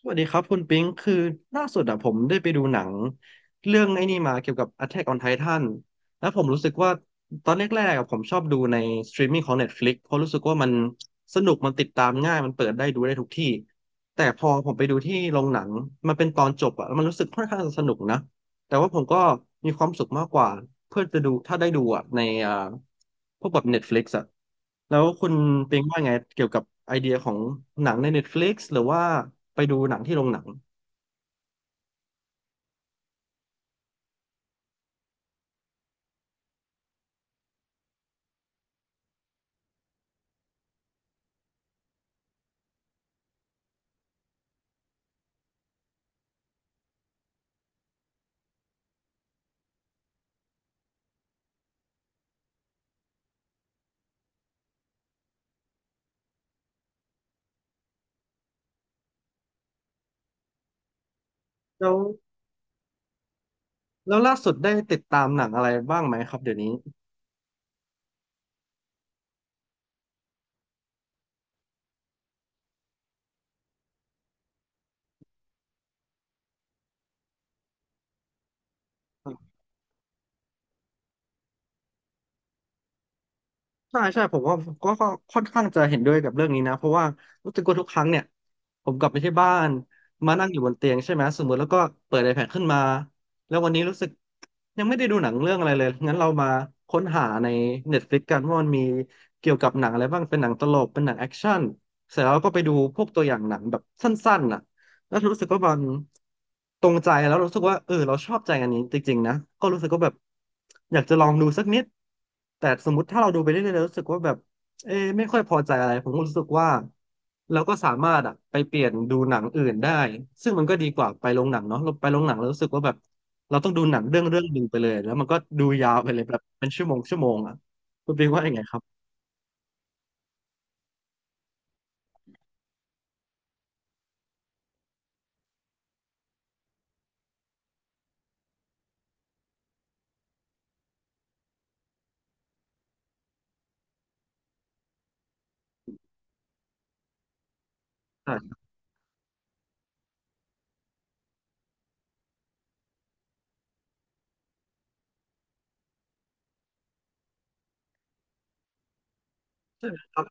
สวัสดีครับคุณปิงคือล่าสุดอะผมได้ไปดูหนัง เรื่องไอ้นี่มาเกี่ยวกับ Attack on Titan แล้วผมรู้สึกว่าตอนแรกๆอะผมชอบดูในสตรีมมิ่งของ Netflix เพราะรู้สึกว่ามันสนุก มันติดตามง่าย มันเปิดได้ดูได้ทุกที่ แต่พอผมไปดูที่โรงหนัง มันเป็นตอนจบอะแล้วมันรู้สึกค่อนข้างจะสนุกนะ แต่ว่าผมก็มีความสุขมากกว่าเพื่อจะดูถ้าได้ดูอ่ะในอ่าพวกแบบ Netflix อ่ะแล้วคุณเป็นว่าไงเกี่ยวกับไอเดียของหนังใน Netflix หรือว่าไปดูหนังที่โรงหนังแล้วแล้วล่าสุดได้ติดตามหนังอะไรบ้างไหมครับเดี๋ยวนี้ ใช่ใช่ผมว่าก็ค่อนข้างจะเห็นด้วยกับเรื่องนี้นะเพราะว่ารู้สึกว่าทุกครั้งเนี่ยผมกลับไปที่บ้านมานั่งอยู่บนเตียงใช่ไหมสมมติแล้วก็เปิด iPad ขึ้นมาแล้ววันนี้รู้สึกยังไม่ได้ดูหนังเรื่องอะไรเลยงั้นเรามาค้นหาใน Netflix กันว่ามันมีเกี่ยวกับหนังอะไรบ้างเป็นหนังตลกเป็นหนังแอคชั่นเสร็จแล้วก็ไปดูพวกตัวอย่างหนังแบบสั้นๆน่ะ แล้วรู้สึกว่ามันตรงใจแล้วรู้สึกว่าเออเราชอบใจอันนี้จริงๆนะก็รู้สึกว่าแบบอยากจะลองดูสักนิดแต่สมมติถ้าเราดูไปเรื่อยๆแล้วรู้สึกว่าแบบเออไม่ค่อยพอใจอะไรผมก็รู้สึกว่าเราก็สามารถอะไปเปลี่ยนดูหนังอื่นได้ซึ่งมันก็ดีกว่าไปโรงหนังเนาะเราไปโรงหนังแล้วรู้สึกว่าแบบเราต้องดูหนังเรื่องหนึ่งไปเลยแล้วมันก็ดูยาวไปเลยแบบเป็นชั่วโมงชั่วโมงอะคุณปิงว่ายังไงครับใช่ใช่ครับ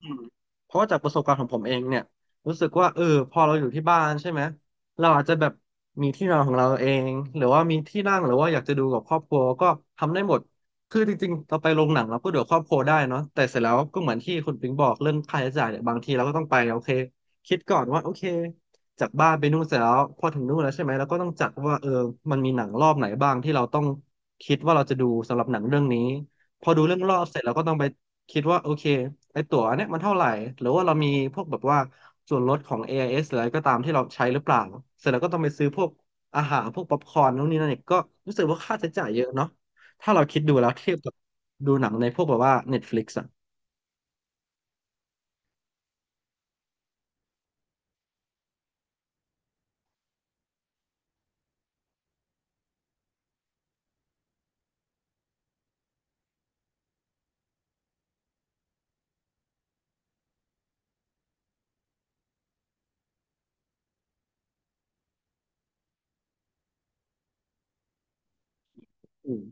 อืมเพราะว่าจากประสบการณ์ของผมเองเนี่ยรู้สึกว่าเออพอเราอยู่ที่บ้านใช่ไหมเราอาจจะแบบมีที่นอนของเราเองหรือว่ามีที่นั่งหรือว่าอยากจะดูกับครอบครัวก็ทำได้หมดคือจริงๆเราไปโรงหนังเราก็ดูกับครอบครัวได้เนาะแต่เสร็จแล้วก็เหมือนที่คุณปิงบอกเรื่องค่าใช้จ่ายเนี่ยบางทีเราก็ต้องไปโอเคคิดก่อนว่าโอเคจากบ้านไปนู่นเสร็จแล้วพอถึงนู่นแล้วใช่ไหมเราก็ต้องจัดว่าเออมันมีหนังรอบไหนบ้างที่เราต้องคิดว่าเราจะดูสำหรับหนังเรื่องนี้พอดูเรื่องรอบเสร็จเราก็ต้องไป คิดว่าโอเคไอตั๋วอันเนี้ยมันเท่าไหร่หรือว่าเรามีพวกแบบว่าส่วนลดของ AIS หรืออะไรก็ตามที่เราใช้หรือเปล่าเสร็จแล้วก็ต้องไปซื้อพวกอาหารพวกป๊อปคอร์นนู่นนี่นั่นอีกก็รู้สึกว่าค่าใช้จ่ายเยอะเนาะถ้าเราคิดดูแล้วเทียบกับดูหนังในพวกแบบว่า Netflix อ่ะอืม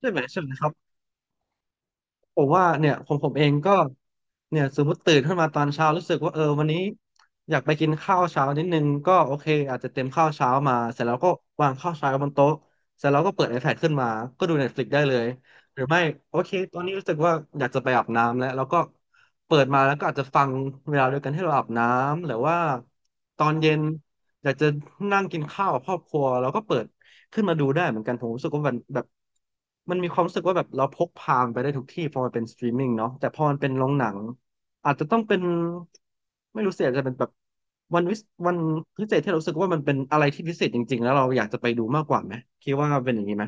ใช่ไหมใช่ไหมครับ ผมว่าเนี่ยผมเองก็เนี่ยสมมติตื่นขึ้นมาตอนเช้ารู้สึกว่าเออวันนี้อยากไปกินข้าวเช้านิดนึงก็โอเคอาจจะเตรียมข้าวเช้ามาเสร็จแล้วก็วางข้าวเช้าบนโต๊ะเสร็จแล้วก็เปิด iPad ขึ้นมาก็ดู Netflix ได้เลยหรือไม่โอเคตอนนี้รู้สึกว่าอยากจะไปอาบน้ำแล้วก็เปิดมาแล้วก็อาจจะฟังเวลาเดียวกันที่เราอาบน้ำหรือว่าตอนเย็นอยากจะนั่งกินข้าวกับครอบครัวแล้วก็เปิด ขึ้นมาดูได้เหมือนกันผมรู้สึกว่ามันแบบมันมีความรู้สึกว่าแบบเราพกพามันไปได้ทุกที่พอมันเป็นสตรีมมิ่งเนาะแต่พอมันเป็นโรงหนังอาจจะต้องเป็นไม่รู้สิอาจจะเป็นแบบวันวิสวันพิเศษที่เรารู้สึกว่ามันเป็นอะไรที่พิเศษจริงๆแล้วเราอยากจะไปดูมากกว่าไหมคิดว่าเป็นอย่างนี้ไหม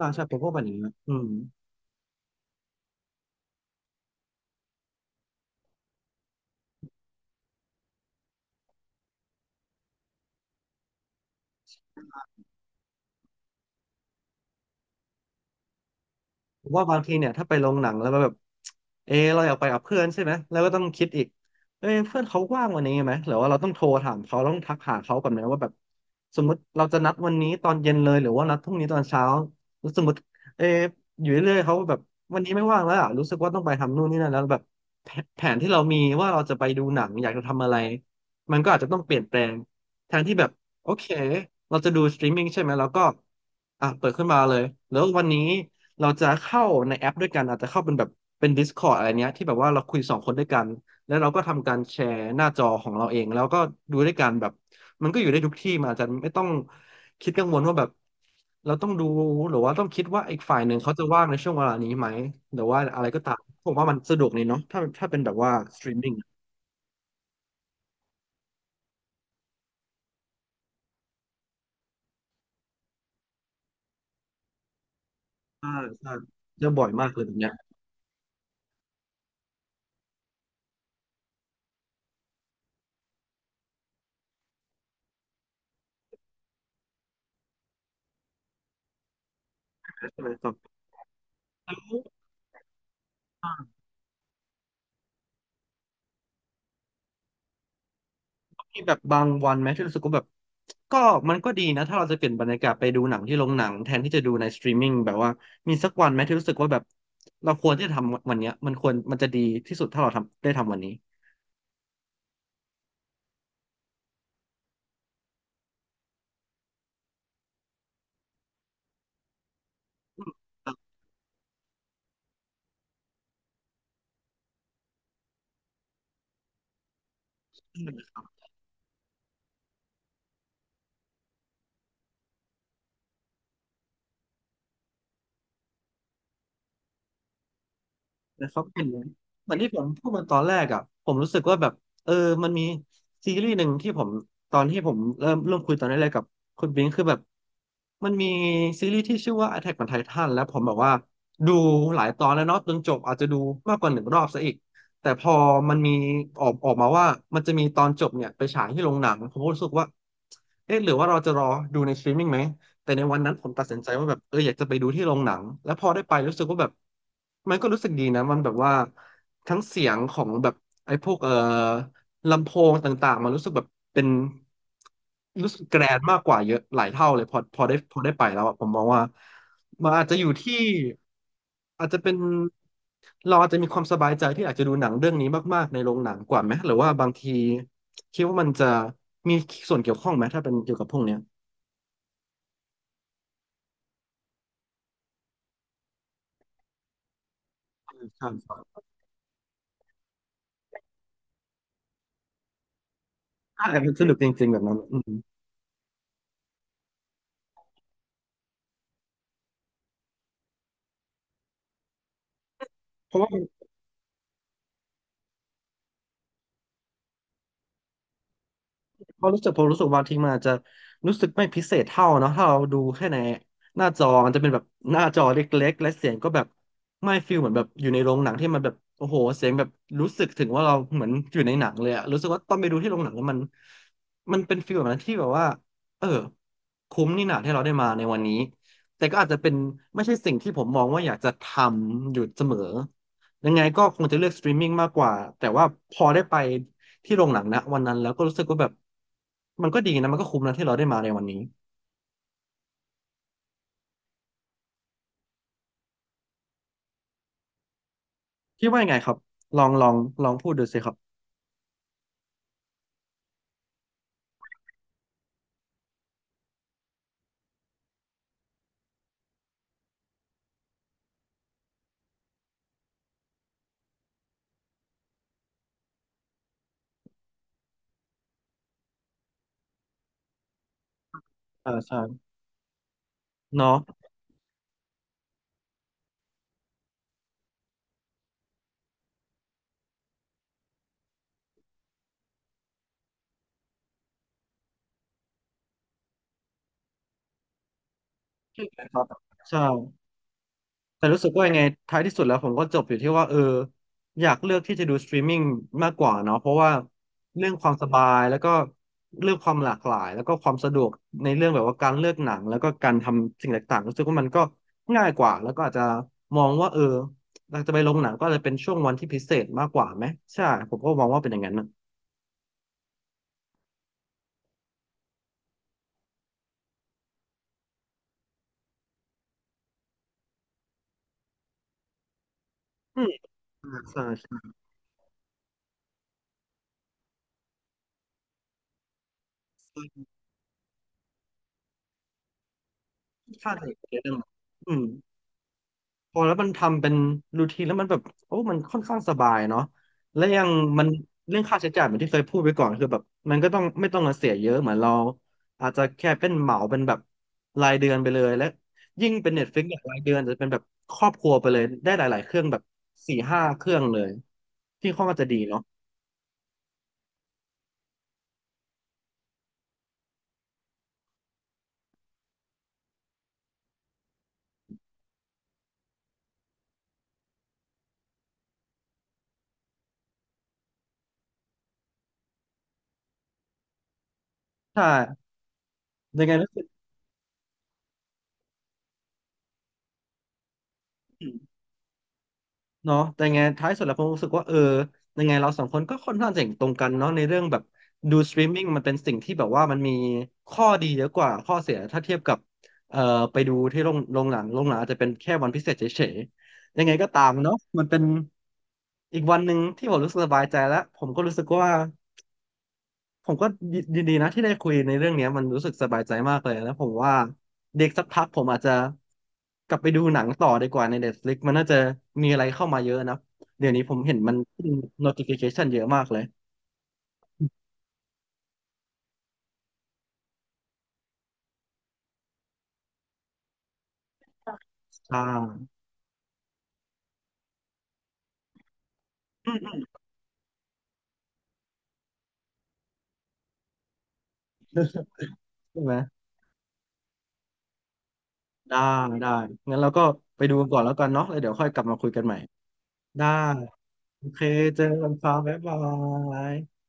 อ่าใช่ผมว่เป็นอย่างนี้นะอืม ผมว่าบางทีเนี่ยถ้าไปโรงหนังแล้วมันแบบเราอยากไปกับเพื่อนใช่ไหมแล้วก็ต้องคิดอีกเอ้ยเพื่อนเขาว่างวันนี้ไหมหรือว่าเราต้องโทรถามเขาต้องทักหาเขาก่อนไหมว่าแบบสมมติเราจะนัดวันนี้ตอนเย็นเลยหรือว่านัดพรุ่งนี้ตอนเช้าแล้วสมมติเอออยู่เรื่อยๆเขาแบบวันนี้ไม่ว่างแล้วอะรู้สึกว่าต้องไปทำนู่นนี่นั่นแล้วแบบแผแผนที่เรามีว่าเราจะไปดูหนังอยากจะทำอะไรมันก็อาจจะต้องเปลี่ยนแปลงแทนที่แบบโอเคเราจะดูสตรีมมิ่งใช่ไหมแล้วก็อ่ะเปิดขึ้นมาเลยแล้ววันนี้ เราจะเข้าในแอปด้วยกันอาจจะเข้าเป็นแบบเป็น Discord อะไรเนี้ยที่แบบว่าเราคุยสองคนด้วยกันแล้วเราก็ทำการแชร์หน้าจอของเราเองแล้วก็ดูด้วยกันแบบมันก็อยู่ได้ทุกที่มันอาจจะไม่ต้องคิดกังวลว่าแบบเราต้องดูหรือว่าต้องคิดว่าอีกฝ่ายหนึ่งเขาจะว่างในช่วงเวลานี้ไหมหรือว่าอะไรก็ตามผมว่ามันสะดวกเลยเนาะถ้าเป็นแบบว่าสตรีมมิ่งอ่าใช่เจอบ่อยมากเลยแบบเนี้ยใช่ไหมครับแล้ว มีแบบบางวันไหมที่รู้สึกว่าแบบก็มันก็ดีนะถ้าเราจะเปลี่ยนบรรยากาศไปดูหนังที่โรงหนังแทนที่จะดูในสตรีมมิ่งแบบว่ามีสักวันไหมที่รู้สึกว่าแบบเราควรที่จะทำวันเนี้ยมันควรมันจะดีที่สุดถ้าเราทำได้ทำวันนี้อืม นะครับเป็นเหมือนที่ผมพูดมาตอนแรกอ่ะผมรู้สึกว่าแบบเออมันมีซีรีส์หนึ่งที่ผมตอนที่ผมเริ่มคุยตอนแรกๆกับคุณบิงคือแบบมันมีซีรีส์ที่ชื่อว่า Attack on Titan แล้วผมแบบว่าดูหลายตอนแล้วเนาะจนจบอาจจะดูมากกว่าหนึ่งรอบซะอีกแต่พอมันมีออกมาว่ามันจะมีตอนจบเนี่ยไปฉายที่โรงหนังผมก็รู้สึกว่าเอ๊ะหรือว่าเราจะรอดูในสตรีมมิ่งไหม แต่ในวันนั้นผมตัดสินใจว่าแบบเอออยากจะไปดูที่โรงหนังแล้วพอได้ไปรู้สึกว่าแบบมันก็รู้สึกดีนะมันแบบว่าทั้งเสียงของแบบไอ้พวกลำโพงต่างๆมันรู้สึกแบบเป็นรู้สึกแกรนด์มากกว่าเยอะหลายเท่าเลยพอได้ไปแล้วอะผมมองว่ามันอาจจะอยู่ที่อาจจะเป็นเราอาจจะมีความสบายใจที่อาจจะดูหนังเรื่องนี้มากๆในโรงหนังกว่าไหมหรือว่าบางทีคิดว่ามันจะมีส่วนเกี่ยวข้องไหมถ้าเป็นเกี่ยวกับพวกเนี้ยอืมครับ ใช่มันสนุกจริงๆแบบนั้นอืมเพราะว่า เพราะรู้สึกผมรู้สึกบางทีมันอาจจะรู้สึกไม่พิเศษเท่าเนาะถ้าเราดูแค่ในหน้าจอมันจะเป็นแบบหน้าจอเล็กๆและเสียงก็แบบไม่ฟิลเหมือนแบบอยู่ในโรงหนังที่มันแบบโอ้โหเสียงแบบรู้สึกถึงว่าเราเหมือนอยู่ในหนังเลยอะรู้สึกว่าตอนไปดูที่โรงหนังแล้วมันมันเป็นฟิลแบบนั้นที่แบบว่าเออคุ้มนี่หนาที่เราได้มาในวันนี้แต่ก็อาจจะเป็นไม่ใช่สิ่งที่ผมมองว่าอยากจะทำอยู่เสมอยังไงก็คงจะเลือกสตรีมมิ่งมากกว่าแต่ว่าพอได้ไป ที่โรงหนังนะวันนั้นแล้วก็รู้สึกว่าแบบมันก็ดีนะมันก็คุ้มนะที่เราได้มาในวันนี้คิดว่ายังไงครับลองลองพูดดูสิครับอ่าใช่เนาะใช่ครับใช่ แต่รู้สึกว่ายังไงท้ายที่สุดแล้วผมก็จบอยู่ที่ว่าอยากเลือกที่จะดูสตรีมมิ่งมากกว่าเนาะเพราะว่าเรื่องความสบายแล้วก็เรื่องความหลากหลายแล้วก็ความสะดวกในเรื่องแบบว่าการเลือกหนังแล้วก็การทำสิ่งต่างๆรู้สึกว่ามันก็ง่ายกว่าแล้วก็อาจจะมองว่าเราจะไปลงหนังก็อาจจะเป็นช่วงวันที่พิเศษมากกว่าไหมใช่ผมก็มองว่าเป็นอย่างนั้นนะอืมใช่ใช่ใช่ค่้างจะเยเรื่องอืม พอแล้วมันทำเป็นรูทีนแล้วมันแบบโอ้มันค่อนข้างสบายเนาะและยังมันเรื่องค่าใช้จ่ายเหมือนที่เคยพูดไปก่อนคือแบบมันก็ต้องไม่ต้องมาเสียเยอะเหมือนเราอาจจะแค่เป็นเหมาเป็นแบบรายเดือนไปเลยและยิ่งเป็น Netflix เนี่ยรายเดือนจะเป็นแบบครอบครัวไปเลยได้หลายๆเครื่องแบบ4 5 เครื่องเลยที่ค่อนข้างจะดีเนาะใช่ยังไงรู้สึก เนาะแต่ไงท้ายสุดแล้วผมรู้สึกว่ายังไงเราสองคนก็ค่อนข้างเห็นตรงกันเนาะในเรื่องแบบดูสตรีมมิ่งมันเป็นสิ่งที่แบบว่ามันมีข้อดีเยอะกว่าข้อเสียถ้าเทียบกับเอ่อไปดูที่โรงหนังอาจจะเป็นแค่วันพิเศษเฉยๆยังไงก็ตามเนาะมันเป็นอีกวันหนึ่งที่ผมรู้สึกสบายใจแล้วผมก็รู้สึกว่า ผมก็ยินดีนะที่ได้คุยในเรื่องเนี้ยมันรู้สึกสบายใจมากเลยแล้วผมว่าเด็กสักพักผมอาจจะกลับไปดูหนังต่อดีกว่าใน Netflix มันน่าจะมีอะไรเข้ามาเยอะนะเดี๋ยวนี้ผมเห็นมันขึ้น notification เยอะมากเลยใช่อืมอืมใช่ไหมได้ได้งั้นเราก็ไปดูกันก่อนแล้วกันเนาะแล้วเดี๋ยวค่อยกลับมาคุยกันใหม่ได้โอเคเจอกันครับบ๊ายบาย